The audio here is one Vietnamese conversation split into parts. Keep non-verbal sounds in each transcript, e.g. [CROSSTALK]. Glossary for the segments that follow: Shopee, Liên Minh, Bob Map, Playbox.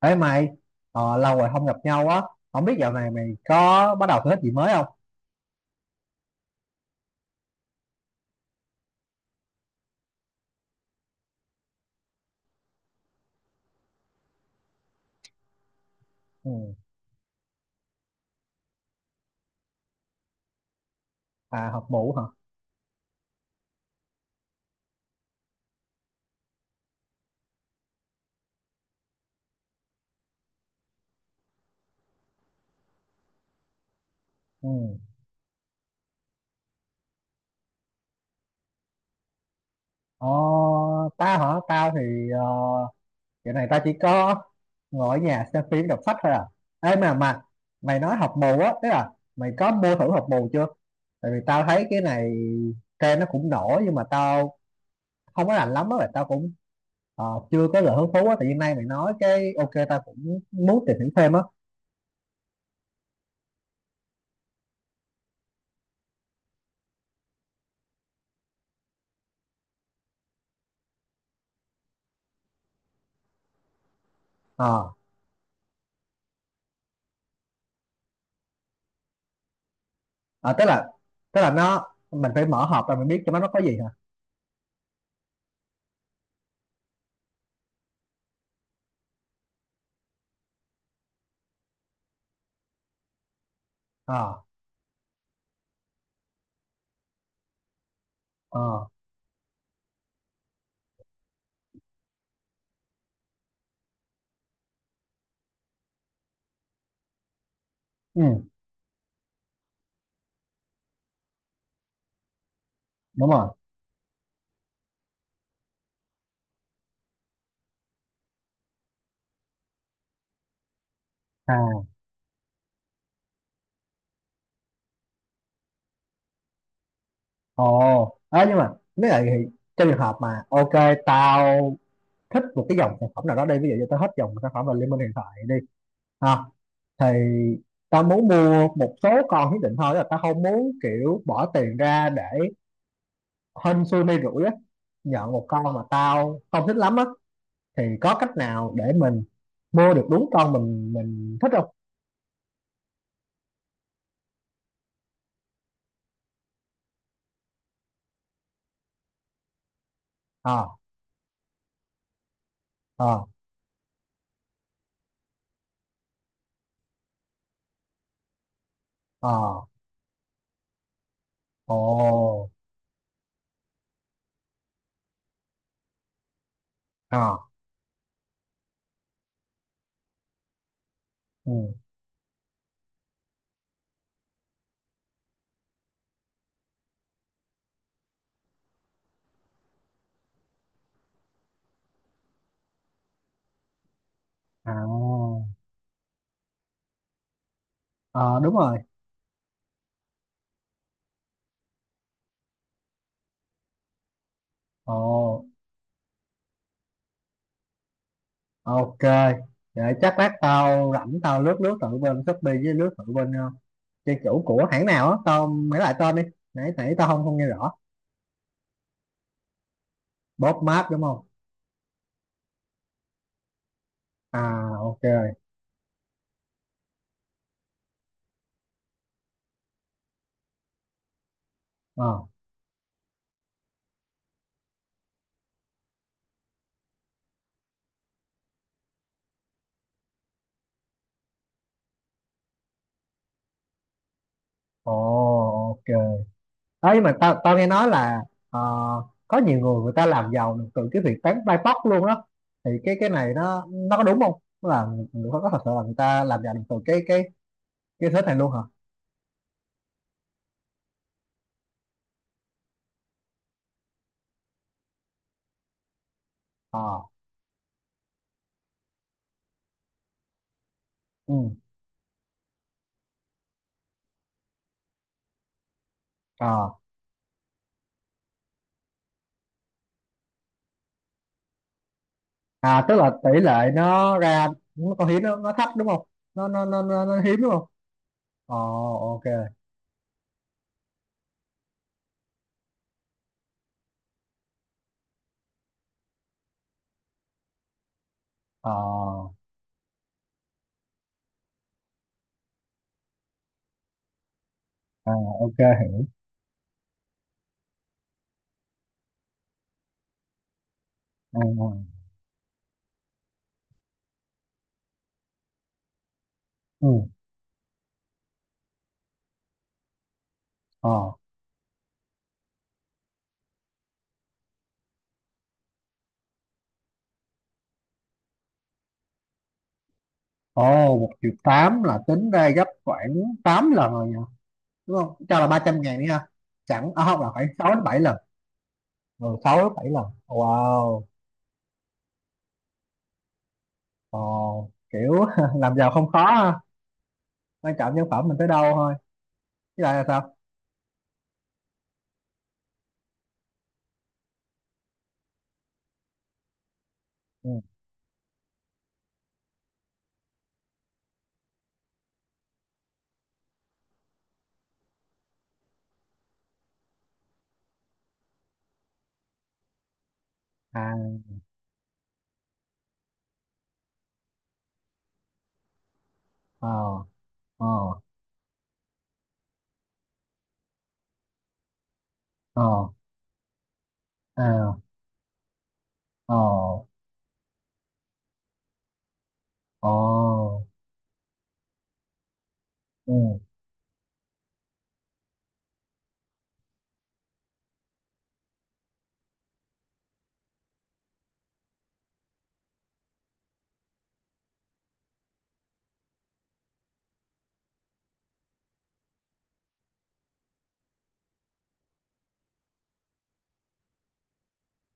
Ê mày, lâu rồi không gặp nhau á, không biết dạo này mày có bắt đầu thử thích gì mới không? Ừ. À, học mũ hả? Ừ. Ờ, tao hả? Tao thì dạo này tao chỉ có ngồi ở nhà xem phim đọc sách thôi à. Ê, mà mày nói học mù á, tức là mày có mua thử học mù chưa? Tại vì tao thấy cái này trend nó cũng nổi nhưng mà tao không có rành lắm á, và tao cũng ờ, chưa có lời hứng thú á. Tại vì nay mày nói cái ok tao cũng muốn tìm hiểu thêm á. Ờ. À, tức là nó mình phải mở hộp ra mình biết cho nó có gì hả? À, à, ừ, đúng rồi. À. Ồ. À, nhưng mà nếu vậy thì trong trường hợp mà ok tao thích một cái dòng sản phẩm nào đó đi, ví dụ như tao thích dòng sản phẩm là Liên Minh hiện tại đi, à, thì tao muốn mua một số con nhất định thôi, tức là tao không muốn kiểu bỏ tiền ra để hên xui may rủi á, nhận một con mà tao không thích lắm á, thì có cách nào để mình mua được đúng con mình thích không? Ờ. À, ờ. Ồ. Ờ. Ừ. À. Ờ, đúng rồi. Ồ. Ok, để chắc lát tao rảnh tao lướt lướt thử bên Shopee, với lướt thử bên trang chủ của hãng nào á, tao mấy lại tên đi, nãy nãy tao không không nghe rõ. Bob Map đúng không? À. Ok. Ờ. Ồ. Ok, ấy mà tao tao nghe nói là ờ, có nhiều người người ta làm giàu từ cái việc bán bài bóc luôn đó, thì cái này nó có đúng không? Tức là người, người có thật sự là người ta làm giàu từ cái thế này luôn hả? Ờ. Ừ. Ờ. À, tức là tỷ lệ nó ra, nó con hiếm nó thấp đúng không? Nó hiếm đúng không? Ờ. Ok. Ờ. À, ok. Ừ, ừ. Ừ, ờ. Ồ, 1.800.000 là tính ra gấp khoảng 8 lần rồi nhỉ? Đúng không, cho là 300.000 đi ha? Chẳng à, không là khoảng 6 đến 7 lần. Ừ, 6 đến 7 lần. Wow, ờ, kiểu [LAUGHS] làm giàu không khó ha, quan trọng nhân phẩm mình tới đâu thôi. Chứ lại là sao? Ừ. À. Ờ, ờ, ờ. À. Ồ. Ồ. Ừ.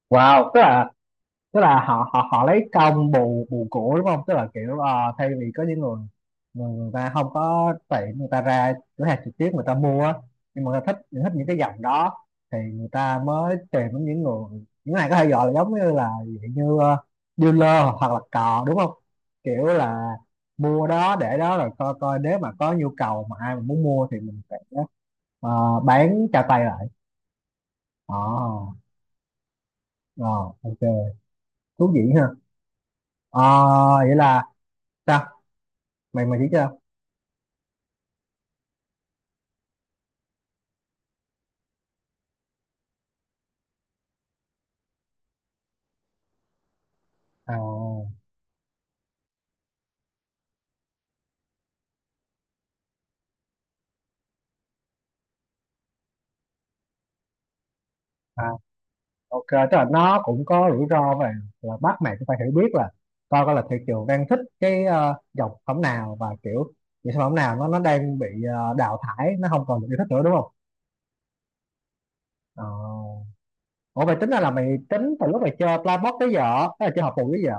Wow, tức là họ họ họ lấy công bù bù cổ đúng không? Tức là kiểu thay vì có những người người ta không có tiền, người ta ra cửa hàng trực tiếp người ta mua á, nhưng mà người ta thích thích những cái dòng đó, thì người ta mới tìm đến những người này, có thể gọi là giống như là dạng như dealer hoặc là cò đúng không? Kiểu là mua đó để đó rồi coi coi nếu mà có nhu cầu mà ai mà muốn mua thì mình sẽ bán cho tay lại. Ờ. Ờ, OK, thú vị ha. Ờ, vậy là sao? Mày mày chỉ cho. À, à, OK, tức là nó cũng có rủi ro và là bắt mày cũng phải hiểu biết, là coi coi là thị trường đang thích cái dòng sản phẩm nào, và kiểu những sản phẩm nào nó đang bị đào thải, nó không còn được yêu thích nữa đúng không? Ờ. Ủa, mày tính ra là mày tính từ lúc mày chơi Playbox tới giờ, tức là chơi hộp bù tới giờ,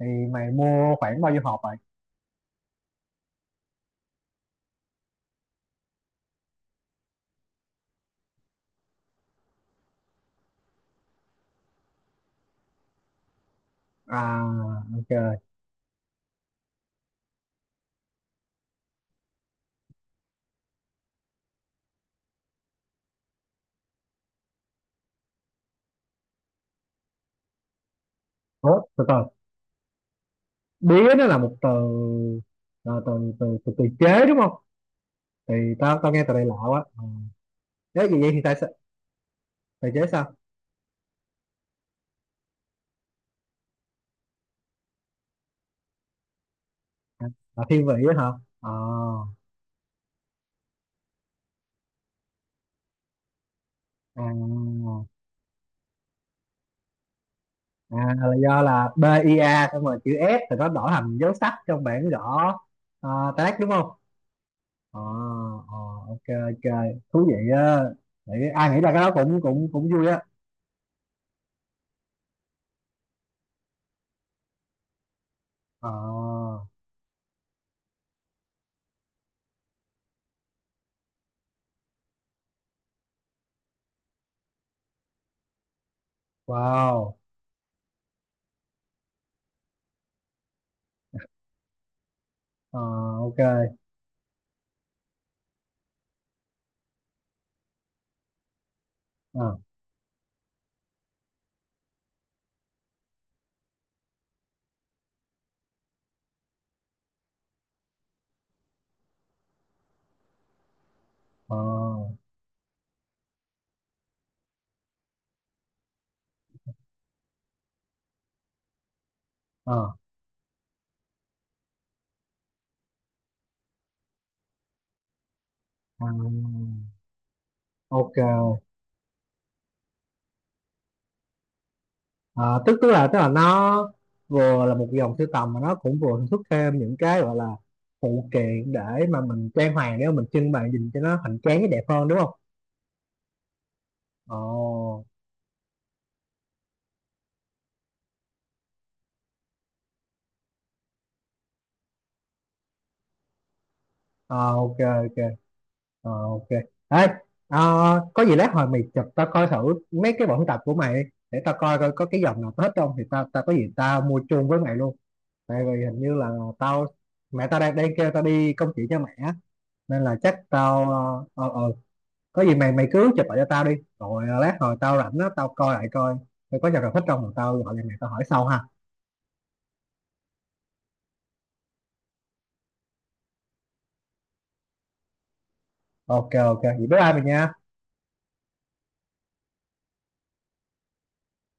thì mày mua khoảng bao nhiêu hộp vậy? À, OK. Ủa, từ từ, bía nó là một từ, là từ chế đúng không? Thì tao tao nghe từ đây lạ quá. Ờ. Nếu vậy, thì tại sao từ chế, sao là thiên vị á hả? À, à, à, là do là BIA xong rồi chữ S thì nó đổi thành dấu sắc trong bảng gõ. À, tác đúng không? Ờ, ờ, ok, ok, thú vị á. Ai nghĩ ra cái đó cũng cũng cũng vui á. Ờ, wow. Ờ, ok. Ờ, ờ, ờ, ờ, ok. Ờ, tức tức là nó vừa là một dòng sưu tầm mà nó cũng vừa sản xuất thêm những cái gọi là phụ kiện để mà mình trang hoàng, để mà mình trưng bày nhìn cho nó hoành tráng, cái đẹp hơn đúng không? Ồ, ờ, ok, ok, ờ, ok. Ê, ờ, có gì lát hồi mày chụp tao coi thử mấy cái bộ tập của mày đi, để tao coi coi có cái dòng nào hết không thì tao tao có gì tao mua chung với mày luôn. Tại vì hình như là tao mẹ tao đang đang kêu tao đi công chuyện cho mẹ á, nên là chắc tao ờ ờ, ờ, có gì mày mày cứ chụp lại cho tao đi, rồi lát hồi tao rảnh á, tao coi lại coi tao có giờ nào thích không, rồi tao gọi lại mày, tao hỏi sau ha. Ok, ok, vậy bye bye mày nha.